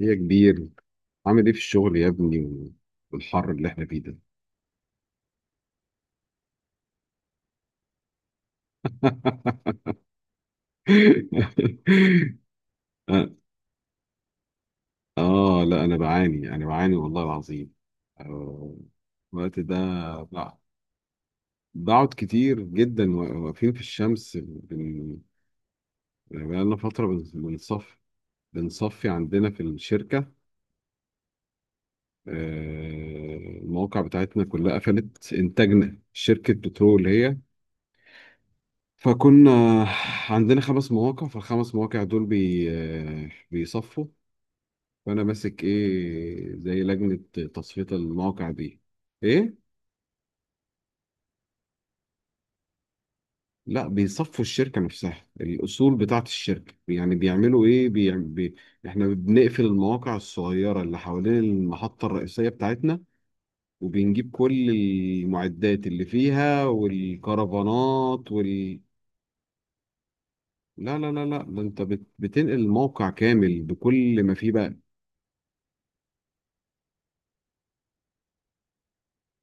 يا كبير، عامل ايه في الشغل يا ابني والحر اللي احنا فيه ده. اه لا، انا بعاني، والله العظيم. آه، الوقت ده، بع- بقعد كتير جدا واقفين في الشمس، يعني بقالنا فترة بنصفي عندنا في الشركة. آه، المواقع بتاعتنا كلها قفلت. انتاجنا، شركة بترول هي. فكنا عندنا 5 مواقع، فالخمس مواقع دول بيصفوا. فأنا ماسك، إيه، زي لجنة تصفية المواقع دي. إيه؟ لا، بيصفوا الشركة نفسها. الأصول بتاعة الشركة، يعني بيعملوا إيه؟ إحنا بنقفل المواقع الصغيرة اللي حوالين المحطة الرئيسية بتاعتنا، وبنجيب كل المعدات اللي فيها والكرفانات وال... لا لا لا لا، ده انت بتنقل الموقع كامل بكل ما فيه بقى.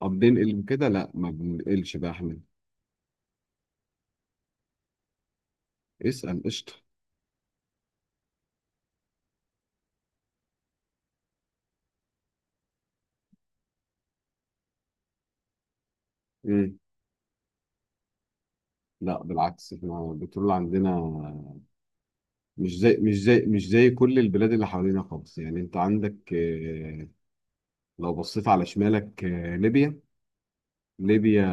طب بنقل كده؟ لا، ما بننقلش بقى احنا. اسأل، قشطة. امم لا، بالعكس، احنا البترول عندنا مش زي كل البلاد اللي حوالينا خالص، يعني انت عندك، لو بصيت على شمالك، ليبيا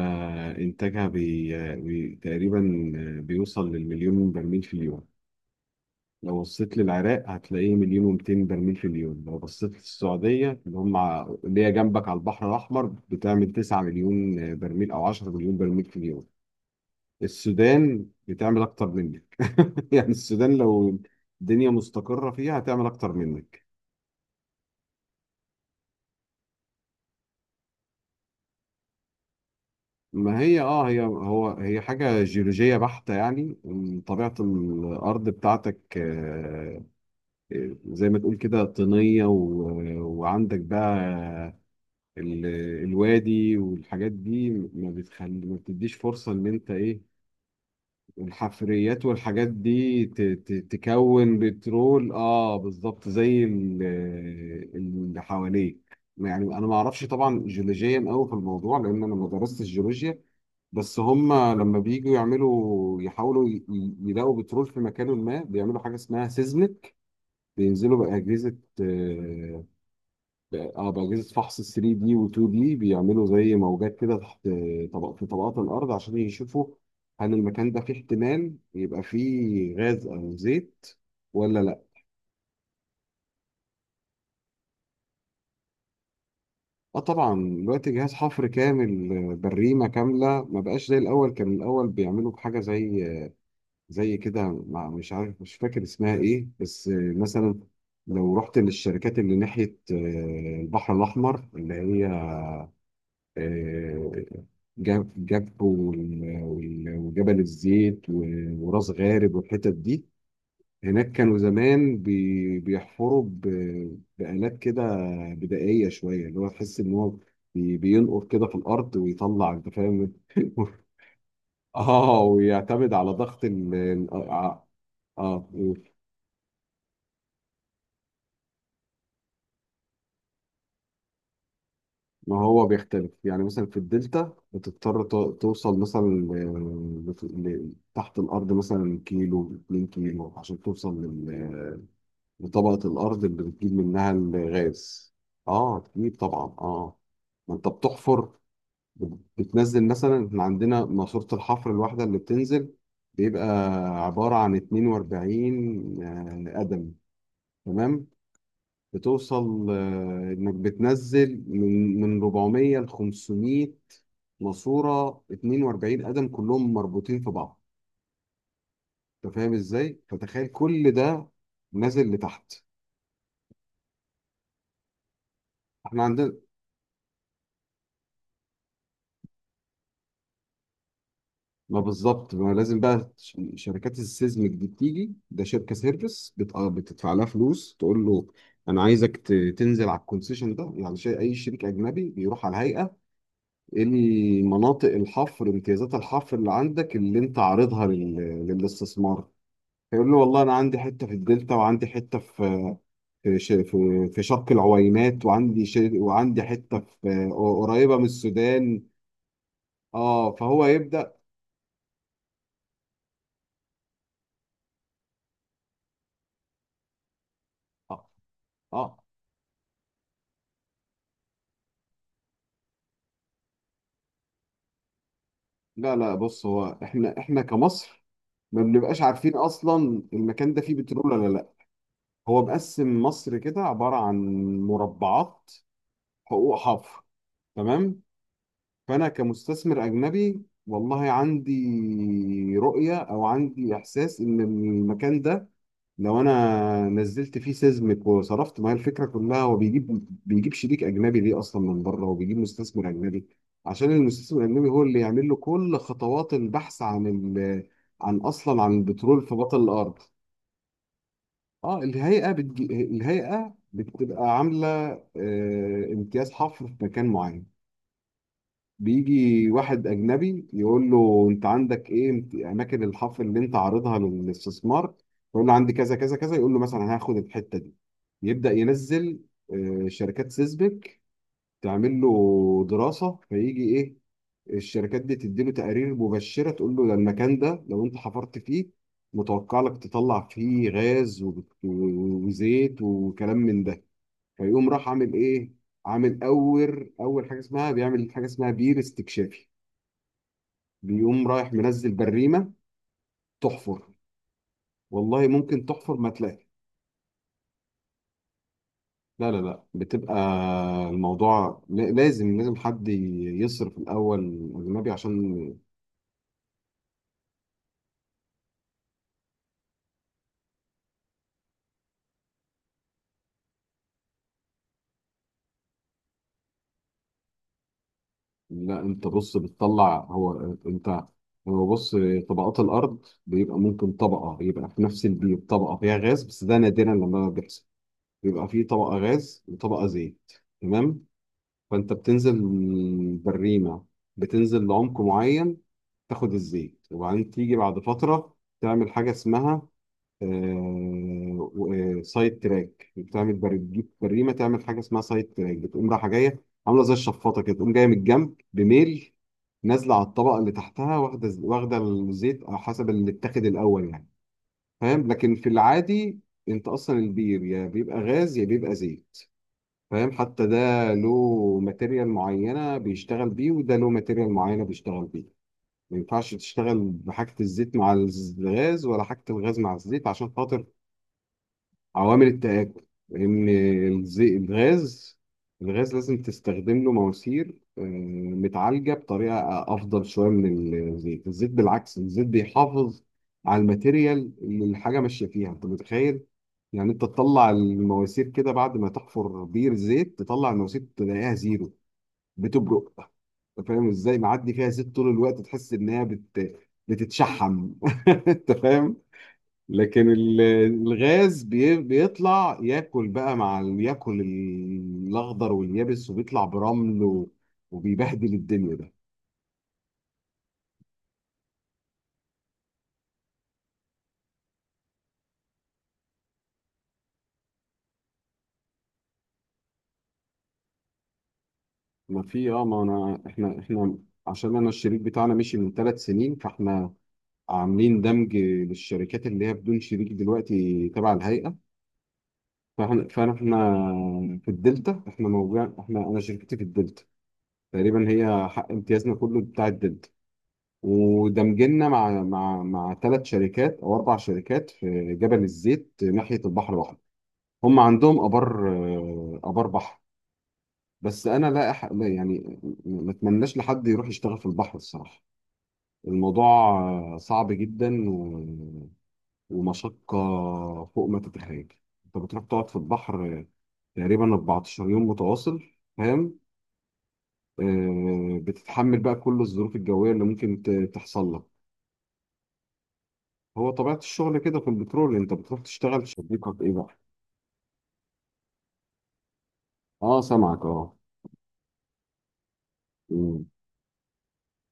انتاجها بي آه، بي تقريبا بيوصل للمليون برميل في اليوم. لو بصيت للعراق، هتلاقيه مليون و200 برميل في اليوم. لو بصيت للسعودية، اللي هي جنبك على البحر الأحمر، بتعمل 9 مليون برميل أو 10 مليون برميل في اليوم. السودان بتعمل اكتر منك. يعني السودان، لو الدنيا مستقرة فيها، هتعمل اكتر منك. ما هي اه هي هو هي حاجة جيولوجية بحتة، يعني إن طبيعة الأرض بتاعتك، زي ما تقول كده طينية، وعندك بقى ال- الوادي والحاجات دي، ما بتخلي، ما بتديش فرصة إن أنت، إيه، الحفريات والحاجات دي تكون بترول. اه، بالظبط زي اللي حواليك. يعني انا ما اعرفش طبعا جيولوجيا قوي في الموضوع، لان انا ما درستش جيولوجيا. بس هم لما بييجوا يعملوا يحاولوا يلاقوا بترول في مكان، ما بيعملوا حاجه اسمها سيزمك. بينزلوا بأجهزه، آه، اه بأجهزة فحص 3 دي و 2 دي، بيعملوا زي موجات كده تحت، طبق في طبقات الأرض، عشان يشوفوا هل المكان ده فيه احتمال يبقى فيه غاز أو زيت ولا لا. اه، طبعا دلوقتي جهاز حفر كامل، بريمة كاملة، ما بقاش زي الأول. كان الأول بيعملوا بحاجة زي، زي كده، مش عارف، مش فاكر اسمها ايه، بس مثلا لو رحت للشركات اللي ناحية، البحر الأحمر، اللي هي، آه، جابو وجبل الزيت وراس غارب والحتت دي، هناك كانوا زمان بيحفروا بآلات كده بدائية شوية، اللي هو تحس إن هو بينقر كده في الأرض ويطلع. أنت فاهم؟ ويعتمد على ضغط ال آه، آه، ما هو بيختلف، يعني مثلا في الدلتا بتضطر توصل مثلا تحت الأرض، مثلا كيلو، 2 كيلو عشان توصل لطبقة الأرض اللي بتجيب منها الغاز. كتير طبعا، ما أنت بتحفر، بتنزل. مثلا إحنا عندنا ماسورة الحفر الواحدة اللي بتنزل، بيبقى عبارة عن 42 قدم. تمام. بتوصل إنك بتنزل من 400 ل 500 ماسورة، 42 قدم كلهم مربوطين في بعض. أنت فاهم إزاي؟ فتخيل كل ده نازل لتحت. إحنا عندنا، ما بالظبط، ما لازم بقى شركات السيزمك دي بتيجي. ده شركه سيرفيس بتدفع لها فلوس، تقول له انا عايزك تنزل على الكونسيشن ده. يعني شيء، اي شريك اجنبي بيروح على الهيئه، ايه اللي، مناطق الحفر، امتيازات الحفر اللي عندك، اللي انت عارضها للاستثمار. فيقول له والله انا عندي حته في الدلتا، وعندي حته في شرق العوينات، وعندي حته في، قريبه من السودان. اه، فهو يبدا. اه آه. لا لا، بص، هو احنا، كمصر ما بنبقاش عارفين اصلا المكان ده فيه بترول ولا لا. هو مقسم مصر كده عبارة عن مربعات، حقوق حفر. تمام. فانا كمستثمر اجنبي، والله عندي رؤية، او عندي احساس ان المكان ده لو انا نزلت فيه سيزمك وصرفت. ما هي الفكره كلها، هو بيجيب شريك اجنبي ليه اصلا من بره، وبيجيب مستثمر اجنبي عشان المستثمر الاجنبي هو اللي يعمل له كل خطوات البحث عن عن، اصلا، عن البترول في بطن الارض. اه، الهيئه بتبقى عامله امتياز حفر في مكان معين. بيجي واحد أجنبي، يقول له أنت عندك إيه، أماكن الحفر اللي أنت عارضها للاستثمار. يقول له عندي كذا كذا كذا، يقول له مثلا هاخد الحتة دي. يبدأ ينزل شركات سيسبك تعمل له دراسة، فيجي إيه، الشركات دي تديله تقارير مبشرة، تقول له ده المكان ده لو أنت حفرت فيه متوقع لك تطلع فيه غاز وزيت وكلام من ده. فيقوم راح عامل إيه، عامل أول حاجة اسمها، بيعمل حاجة اسمها بير استكشافي. بيقوم رايح منزل بريمة تحفر، والله ممكن تحفر ما تلاقي. لا لا لا، بتبقى، الموضوع لازم حد يصرف الأول، أجنبي، عشان. لا أنت بص، بتطلع، هو أنت هو بص، طبقات الأرض بيبقى ممكن طبقة، يبقى في نفس البيت طبقة فيها غاز بس، ده نادرا لما بيحصل. بيبقى فيه طبقة غاز وطبقة زيت. تمام. فانت بتنزل بالريمه، بتنزل لعمق معين، تاخد الزيت، وبعدين تيجي بعد فتره تعمل حاجه اسمها، سايد تراك. بتجيب بريمه، تعمل حاجه اسمها سايد تراك، بتقوم رايحه جايه، عامله زي الشفاطه كده، تقوم جايه من الجنب بميل، نازله على الطبقه اللي تحتها، واخده الزيت على حسب اللي اتاخد الاول، يعني. فاهم؟ لكن في العادي، انت اصلا البير يا بيبقى غاز يا بيبقى زيت. فاهم؟ حتى ده له ماتيريال معينة بيشتغل بيه، وده له ماتيريال معينة بيشتغل بيه. ما ينفعش تشتغل بحاجة الزيت مع الغاز، ولا حاجة الغاز مع الزيت، عشان خاطر عوامل التآكل. إن الزي- الغاز الغاز لازم تستخدم له مواسير، متعالجة بطريقة أفضل شوية من الزيت. الزيت بالعكس، الزيت بيحافظ على الماتيريال اللي الحاجة ماشية فيها. أنت متخيل؟ يعني أنت تطلع المواسير كده بعد ما تحفر بير زيت، تطلع المواسير تلاقيها زيرو، بتبرق. أنت فاهم إزاي؟ معدي فيها زيت طول الوقت، تحس إنها بتتشحم. أنت فاهم؟ لكن الغاز بيطلع ياكل بقى، ياكل الاخضر واليابس، وبيطلع برمل وبيبهدل الدنيا ده. ما في، ما انا، احنا، عشان انا الشريك بتاعنا مشي من 3 سنين، عاملين دمج للشركات اللي هي بدون شريك دلوقتي، تبع الهيئة. فاحنا فاحنا إحنا في الدلتا، احنا موجود احنا انا شركتي في الدلتا. تقريبا هي حق امتيازنا كله بتاع الدلتا. ودمجنا مع 3 شركات او 4 شركات في جبل الزيت ناحيه البحر الاحمر. هم عندهم ابار، ابار بحر. بس انا، لا يعني ما اتمناش لحد يروح يشتغل في البحر الصراحه. الموضوع، صعب جدا ومشقه فوق ما تتخيل. انت بتروح تقعد في البحر، تقريبا 14 يوم متواصل. فاهم؟ بتتحمل بقى كل الظروف الجويه اللي ممكن تحصل لك. هو طبيعة الشغل كده في البترول، انت بتروح تشتغل في شبيكة، ايه بقى؟ اه، سامعك. اه.